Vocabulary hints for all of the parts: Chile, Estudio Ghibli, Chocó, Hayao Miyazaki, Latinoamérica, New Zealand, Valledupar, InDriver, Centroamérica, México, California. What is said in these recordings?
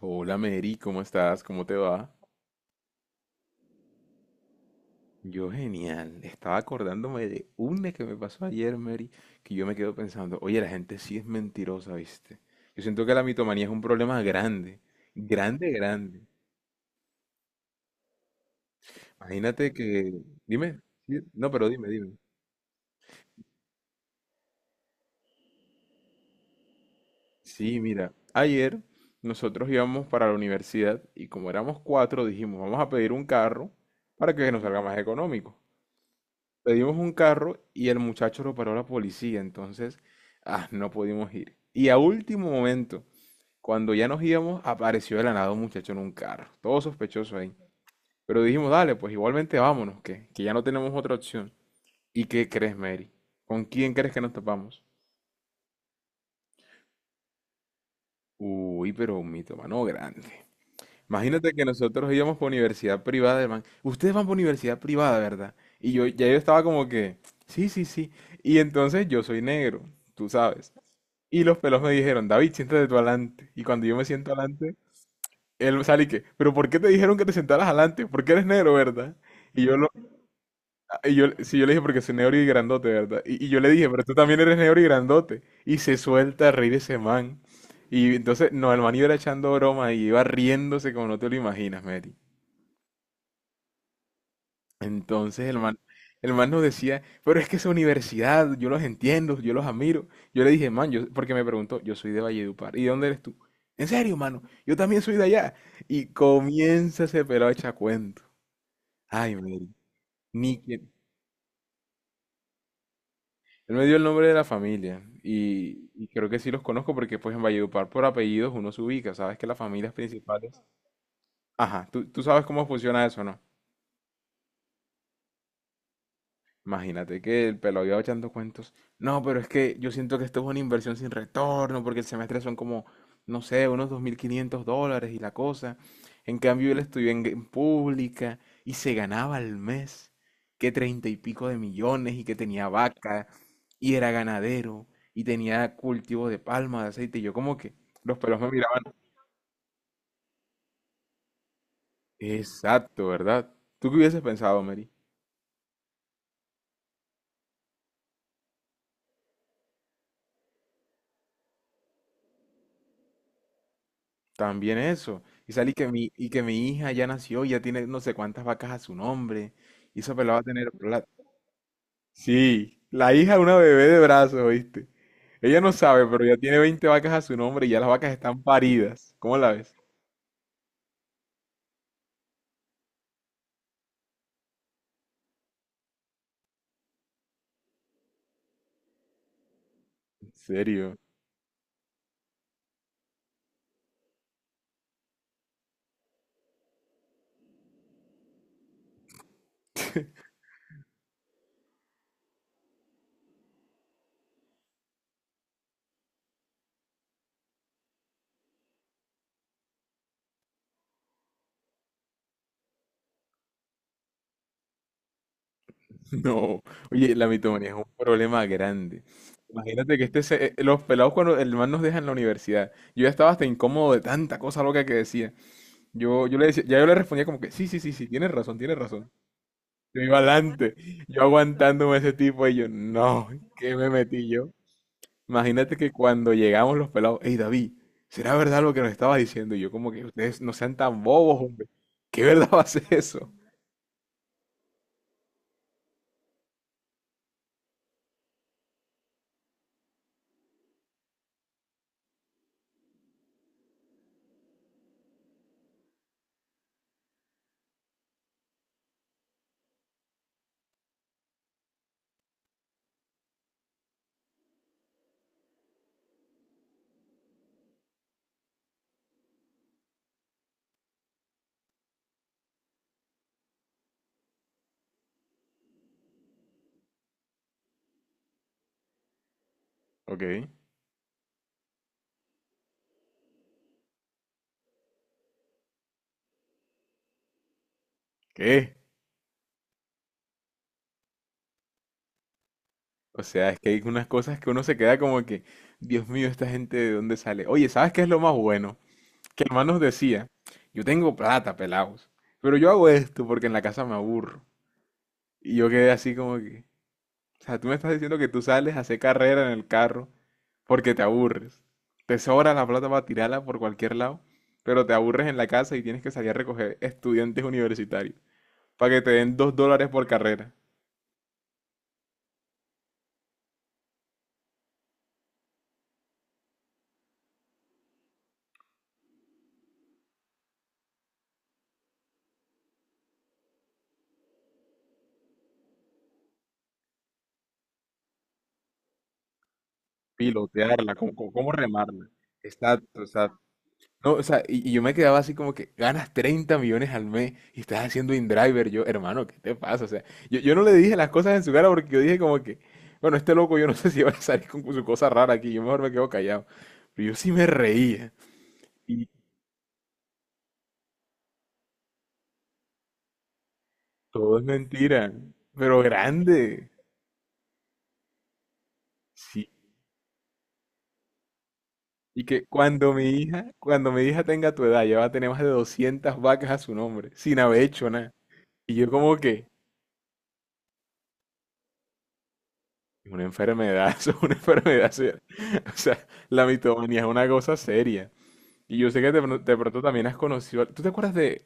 Hola Mary, ¿cómo estás? ¿Cómo te va? Yo genial. Estaba acordándome de una que me pasó ayer, Mary, que yo me quedo pensando, oye, la gente sí es mentirosa, ¿viste? Yo siento que la mitomanía es un problema grande, grande, grande. Imagínate que... Dime, sí, no, pero dime, dime. Sí, mira, ayer nosotros íbamos para la universidad y como éramos cuatro, dijimos, vamos a pedir un carro para que nos salga más económico. Pedimos un carro y el muchacho lo paró la policía, entonces no pudimos ir. Y a último momento, cuando ya nos íbamos, apareció de la nada un muchacho en un carro, todo sospechoso ahí. Pero dijimos, dale, pues igualmente vámonos, que ya no tenemos otra opción. ¿Y qué crees, Mary? ¿Con quién crees que nos topamos? Uy, pero un mitomano grande. Imagínate que nosotros íbamos por universidad privada, hermano. Ustedes van por universidad privada, ¿verdad? Y yo ya yo estaba como que, sí, sí, sí. Y entonces yo soy negro, tú sabes. Y los pelos me dijeron, David, siéntate tú adelante. Y cuando yo me siento adelante, él sale y que, pero ¿por qué te dijeron que te sentaras adelante? Porque eres negro, ¿verdad? Y yo, lo, y yo, sí, yo le dije, porque soy negro y grandote, ¿verdad? Y yo le dije, pero tú también eres negro y grandote. Y se suelta a reír ese man. Y entonces, no, el man iba echando broma y iba riéndose como no te lo imaginas, Mary. Entonces el man nos decía, pero es que esa universidad, yo los entiendo, yo los admiro. Yo le dije, man, yo, porque me preguntó, yo soy de Valledupar, ¿y de dónde eres tú? En serio, mano, yo también soy de allá. Y comienza ese pelado a echar cuento. Ay, Mary, ni quien- Él me dio el nombre de la familia y creo que sí los conozco porque pues en Valledupar por apellidos uno se ubica, sabes que las familias principales... Ajá, tú sabes cómo funciona eso, ¿no? Imagínate que el pelo iba echando cuentos. No, pero es que yo siento que esto es una inversión sin retorno, porque el semestre son como, no sé, unos 2.500 dólares y la cosa. En cambio, él estudió en pública y se ganaba al mes que treinta y pico de millones y que tenía vaca y era ganadero y tenía cultivo de palma, de aceite. Y yo como que los pelos me miraban. Exacto, ¿verdad? ¿Tú qué hubieses pensado, Mary? También eso. Y salí que mi hija ya nació, ya tiene no sé cuántas vacas a su nombre. Y esa pelada va a tener plata. Sí, la hija es una bebé de brazos, ¿viste? Ella no sabe, pero ya tiene 20 vacas a su nombre y ya las vacas están paridas. ¿Cómo la ves? ¿En serio? No. Oye, la mitomanía es un problema grande. Imagínate que los pelados cuando el man nos deja en la universidad. Yo ya estaba hasta incómodo de tanta cosa loca que decía. Yo le decía, ya yo le respondía como que sí, sí, sí, sí, tienes razón, tienes razón. Yo iba adelante, yo aguantándome a ese tipo y yo, no, ¿qué me metí yo? Imagínate que cuando llegamos los pelados, hey David, ¿será verdad lo que nos estabas diciendo? Y yo como que ustedes no sean tan bobos, hombre. ¿Qué verdad va a ser eso? Ok, ¿qué? O sea, es que hay unas cosas que uno se queda como que, Dios mío, esta gente de dónde sale. Oye, ¿sabes qué es lo más bueno? Que el man nos decía, yo tengo plata, pelados, pero yo hago esto porque en la casa me aburro. Y yo quedé así como que... O sea, tú me estás diciendo que tú sales a hacer carrera en el carro porque te aburres. Te sobra la plata para tirarla por cualquier lado, pero te aburres en la casa y tienes que salir a recoger estudiantes universitarios para que te den 2 dólares por carrera. Pilotearla, cómo remarla. Exacto, exacto. No, o sea, y yo me quedaba así como que ganas 30 millones al mes y estás haciendo InDriver. Yo, hermano, ¿qué te pasa? O sea, yo no le dije las cosas en su cara porque yo dije como que, bueno, este loco yo no sé si va a salir con su cosa rara aquí, yo mejor me quedo callado. Pero yo sí me reía. Y todo es mentira, pero grande. Sí. Y que cuando mi hija tenga tu edad, ya va a tener más de 200 vacas a su nombre, sin haber hecho nada. Y yo como que, una enfermedad, eso es una enfermedad seria. O sea, la mitomanía es una cosa seria. Y yo sé que de pronto también has conocido. ¿Tú te acuerdas de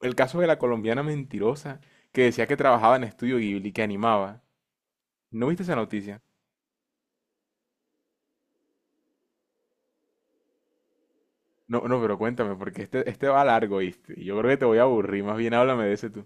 el caso de la colombiana mentirosa que decía que trabajaba en Estudio Ghibli, que animaba? ¿No viste esa noticia? No, no, pero cuéntame, porque este va largo, ¿viste? Y yo creo que te voy a aburrir, más bien háblame de ese tú.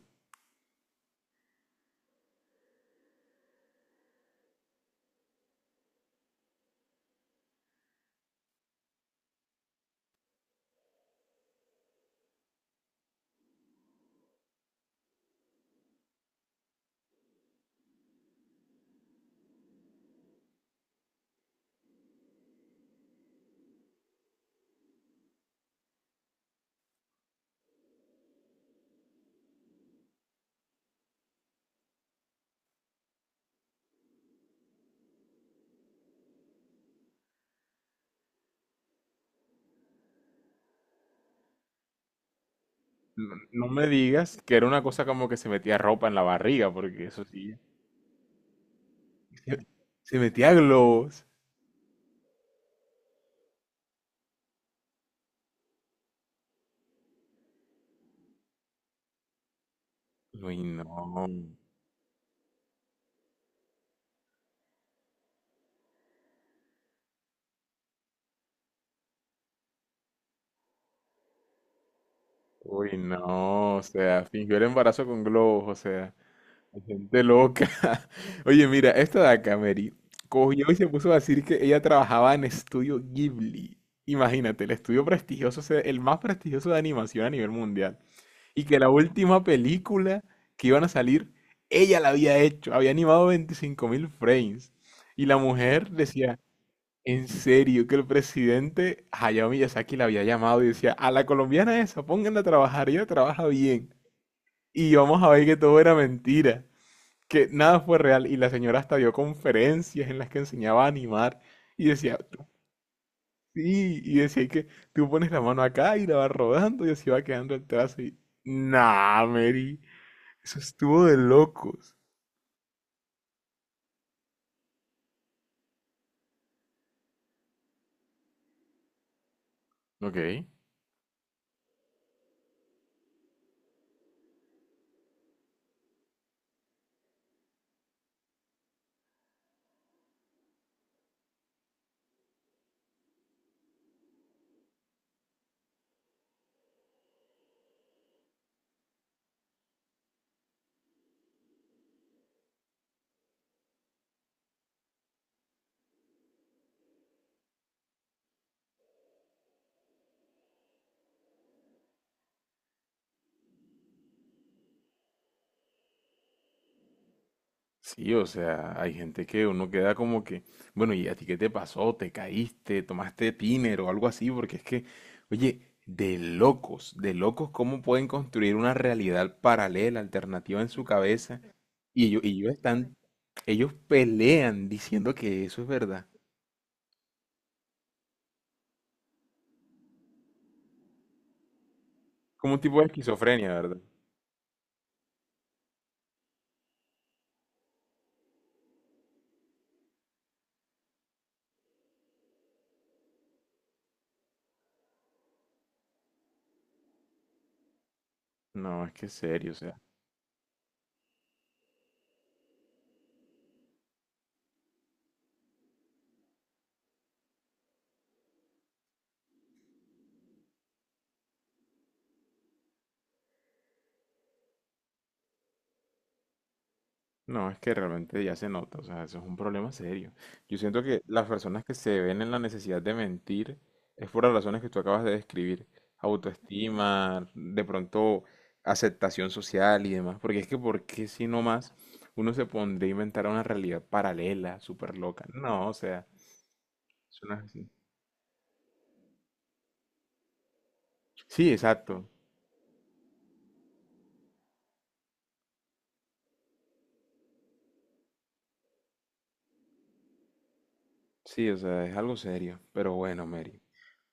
No, no me digas que era una cosa como que se metía ropa en la barriga, porque eso sí. Se, se metía globos. Uy, no. Uy, no, o sea, fingió el embarazo con globos, o sea, hay gente loca. Oye, mira, esta de acá, Mary, cogió y se puso a decir que ella trabajaba en Estudio Ghibli. Imagínate, el estudio prestigioso, o sea, el más prestigioso de animación a nivel mundial. Y que la última película que iban a salir, ella la había hecho, había animado 25.000 frames. Y la mujer decía, en serio, que el presidente Hayao Miyazaki la había llamado y decía, a la colombiana esa, pónganla a trabajar, ella trabaja bien. Y vamos a ver que todo era mentira, que nada fue real. Y la señora hasta dio conferencias en las que enseñaba a animar y decía, " sí, y decía que tú pones la mano acá y la vas rodando y así va quedando el trazo. Y, nah, Mary, eso estuvo de locos. Ok. Sí, o sea, hay gente que uno queda como que, bueno, ¿y a ti qué te pasó? ¿Te caíste? ¿Tomaste tiner o algo así? Porque es que, oye, de locos, ¿cómo pueden construir una realidad paralela, alternativa en su cabeza? Y ellos están, ellos pelean diciendo que eso es verdad. Como un tipo de esquizofrenia, ¿verdad? No, es que es serio, o sea. No, es que realmente ya se nota, o sea, eso es un problema serio. Yo siento que las personas que se ven en la necesidad de mentir es por las razones que tú acabas de describir, autoestima, de pronto aceptación social y demás, porque es que ¿por qué si no más uno se pondría a inventar una realidad paralela, súper loca? No, o sea, eso no es así. Sí, exacto, sí, o sea, es algo serio, pero bueno, Mary,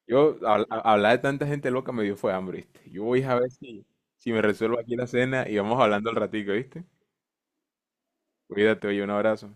Hablar de tanta gente loca me dio fue hambre, ¿viste? Yo voy a ver si me resuelvo aquí la cena y vamos hablando al ratico, ¿viste? Cuídate, oye, un abrazo.